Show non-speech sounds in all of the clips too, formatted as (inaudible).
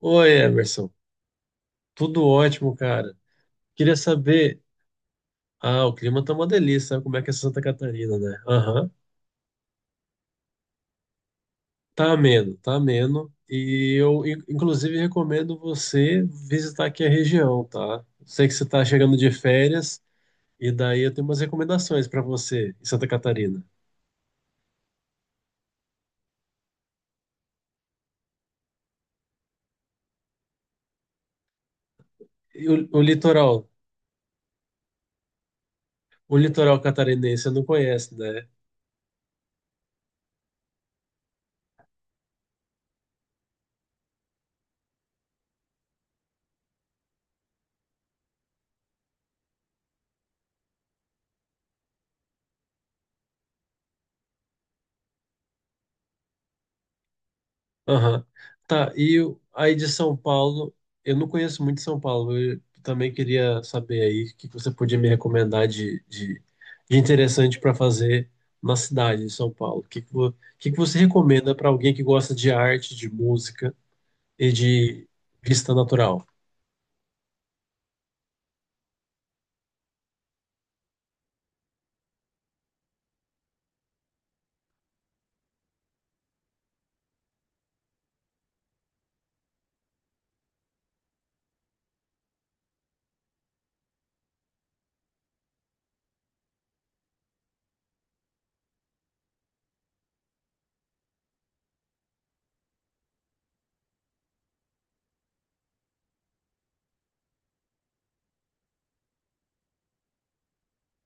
Oi, Emerson. Tudo ótimo, cara. Queria saber. Ah, o clima tá uma delícia, sabe como é que é Santa Catarina, né? Aham. Tá ameno, tá ameno. E eu, inclusive, recomendo você visitar aqui a região, tá? Sei que você tá chegando de férias, e daí eu tenho umas recomendações para você em Santa Catarina. E o litoral catarinense você não conhece, né? Aham. Tá, e aí de São Paulo, eu não conheço muito São Paulo, eu também queria saber aí o que que você podia me recomendar de interessante para fazer na cidade de São Paulo. O que que você recomenda para alguém que gosta de arte, de música e de vista natural?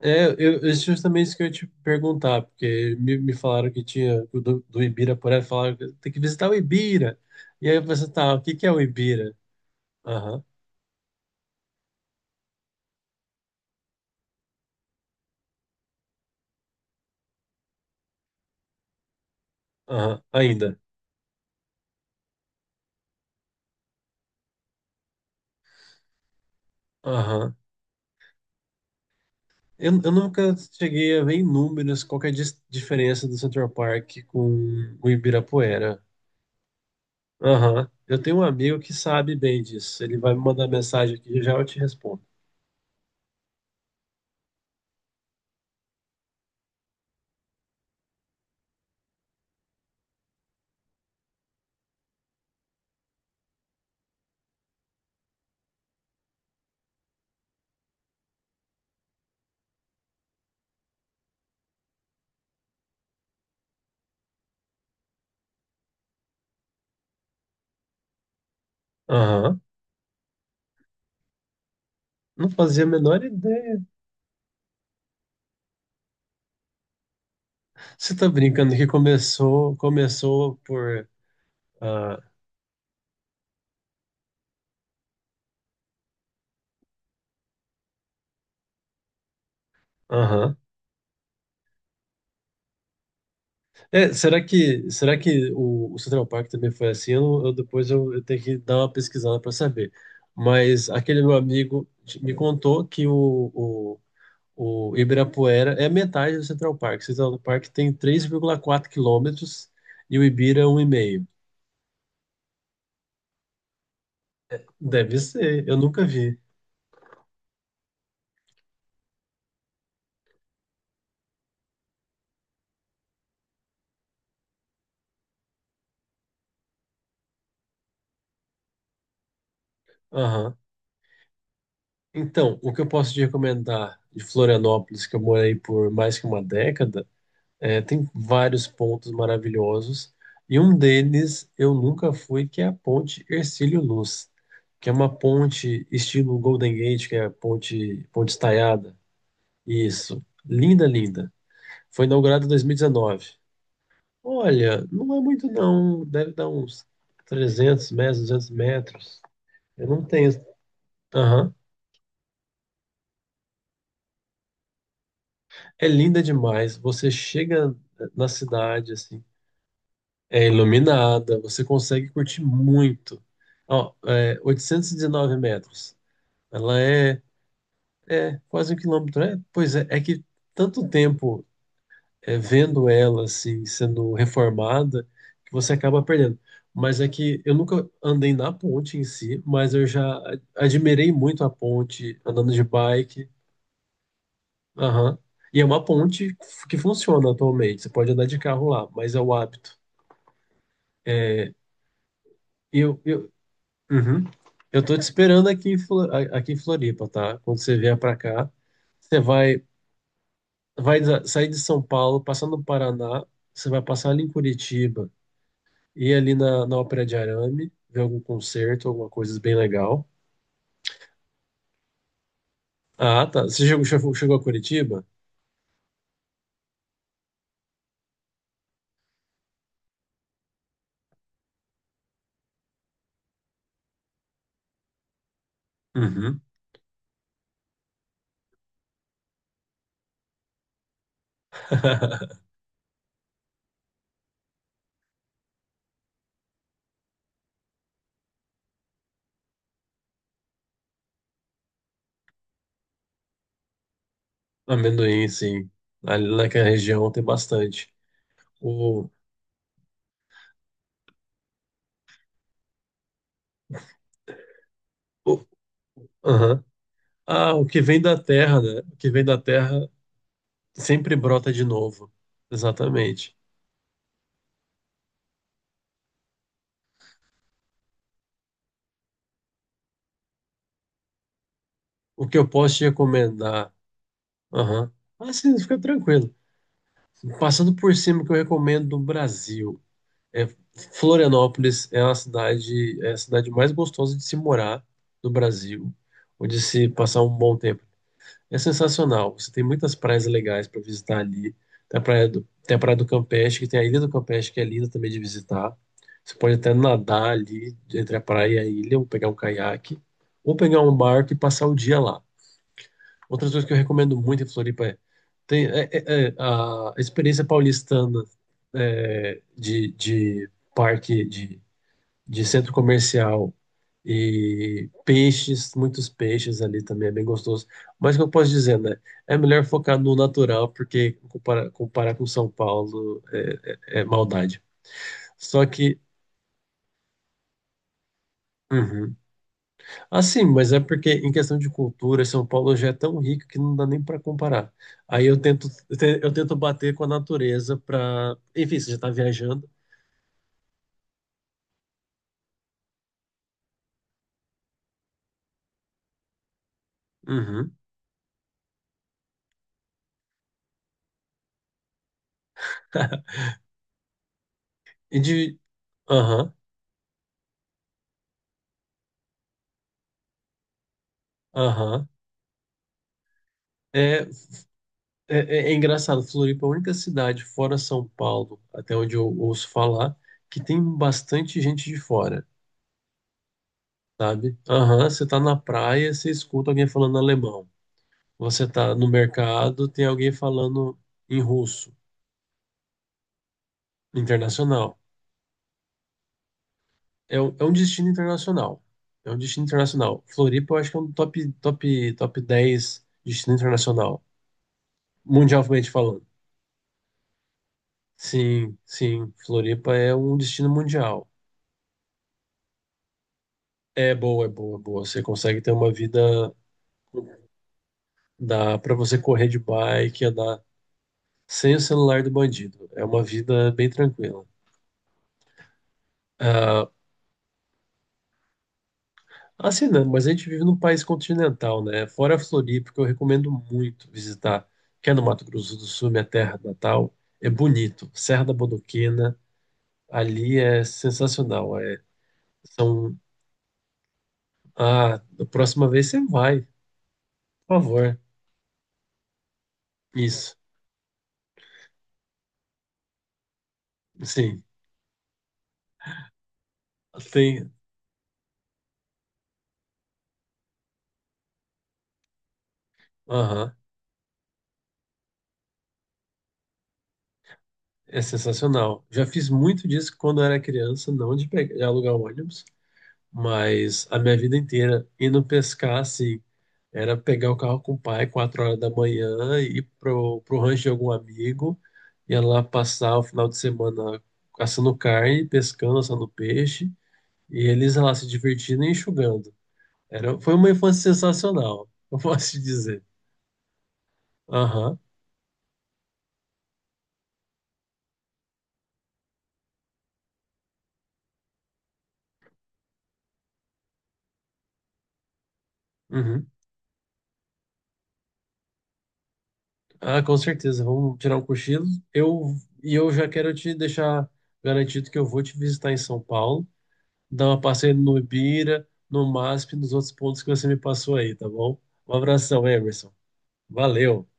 É, eu, justamente isso que eu ia te perguntar, porque me falaram que tinha que o do Ibirapuera, falaram que tem que visitar o Ibira. E aí eu pensei, tá, o que que é o Ibira? Aham, aham, ainda. Aham. Eu nunca cheguei a ver em números qual que é a diferença do Central Park com o Ibirapuera. Aham. Eu tenho um amigo que sabe bem disso. Ele vai me mandar mensagem aqui e já eu te respondo. Aham. Não fazia a menor ideia. Você tá brincando que começou, começou por. Ah, aham. É, será que o Central Park também foi assim? Eu, depois eu tenho que dar uma pesquisada para saber. Mas aquele meu amigo me contou que o Ibirapuera é metade do Central Park. O Central Park tem 3,4 quilômetros e o Ibira um e meio. Deve ser, eu nunca vi. Aham. Então, o que eu posso te recomendar de Florianópolis, que eu morei por mais que uma década, tem vários pontos maravilhosos. E um deles eu nunca fui, que é a Ponte Hercílio Luz, que é uma ponte estilo Golden Gate, que é a ponte estaiada. Isso. Linda, linda. Foi inaugurado em 2019. Olha, não é muito não. Deve dar uns 300 metros, 200 metros. Eu não tenho. Aham. É linda demais. Você chega na cidade, assim, é iluminada, você consegue curtir muito. Ó, é 819 metros. Ela é quase um quilômetro. É, pois é, é que tanto tempo vendo ela assim, sendo reformada, que você acaba perdendo. Mas é que eu nunca andei na ponte em si, mas eu já admirei muito a ponte andando de bike. Aham. E é uma ponte que funciona atualmente. Você pode andar de carro lá, mas é o hábito. E eu, uhum. Eu tô te esperando aqui em Floripa, tá? Quando você vier pra cá, você vai sair de São Paulo, passar no Paraná, você vai passar ali em Curitiba. Ir ali na Ópera de Arame, ver algum concerto, alguma coisa bem legal. Ah, tá. Você chegou a Curitiba? Uhum. (laughs) Amendoim, sim. Ali naquela região tem bastante. O, o, aham. Ah, o que vem da terra, né? O que vem da terra sempre brota de novo. Exatamente. O que eu posso te recomendar? Aham. Ah, sim, fica tranquilo. Passando por cima, o que eu recomendo do Brasil. É, Florianópolis é uma cidade, é a cidade mais gostosa de se morar no Brasil, ou de se passar um bom tempo. É sensacional. Você tem muitas praias legais para visitar ali. Tem a praia do Campeche, que tem a Ilha do Campeche, que é linda também de visitar. Você pode até nadar ali entre a praia e a ilha, ou pegar um caiaque, ou pegar um barco e passar o dia lá. Outras coisas que eu recomendo muito em Floripa é a experiência paulistana, de parque, de centro comercial e peixes, muitos peixes ali também é bem gostoso. Mas o que eu posso dizer, né? É melhor focar no natural, porque comparar com São Paulo é maldade. Só que, uhum. Assim, mas é porque em questão de cultura, São Paulo já é tão rico que não dá nem para comparar. Aí eu tento bater com a natureza para, enfim, você já está viajando. Uhum. (laughs) E de, aham, aham. É, é engraçado, Floripa é a única cidade fora São Paulo, até onde eu ouço falar, que tem bastante gente de fora, sabe? Aham, você tá na praia, você escuta alguém falando alemão. Você tá no mercado, tem alguém falando em russo, internacional. É um destino internacional. É um destino internacional. Floripa, eu acho que é um top, top, top 10 destino internacional, mundialmente falando. Sim, sim, Floripa é um destino mundial. É boa, é boa, é boa. Você consegue ter uma vida. Dá pra você correr de bike, andar sem o celular do bandido. É uma vida bem tranquila. Ah, assim, não, mas a gente vive num país continental, né? Fora a Floripa, que eu recomendo muito visitar, que é no Mato Grosso do Sul, minha terra natal. É bonito. Serra da Bodoquena, ali é sensacional. É, são. Ah, da próxima vez você vai, por favor. Isso. Sim. Tem. Aham. É sensacional. Já fiz muito disso quando era criança, não de, pegar, de alugar um ônibus, mas a minha vida inteira indo pescar assim, era pegar o carro com o pai 4 horas da manhã ir pro rancho de algum amigo, ia lá passar o final de semana caçando carne, pescando, assando peixe, e eles lá se divertindo e enxugando. Era, foi uma infância sensacional, (laughs) eu posso te dizer. Aham, uhum. Ah, com certeza. Vamos tirar um cochilo. Eu eu já quero te deixar garantido que eu vou te visitar em São Paulo, dar uma passeio no Ibira, no MASP, e nos outros pontos que você me passou aí, tá bom? Um abração, Emerson. Valeu.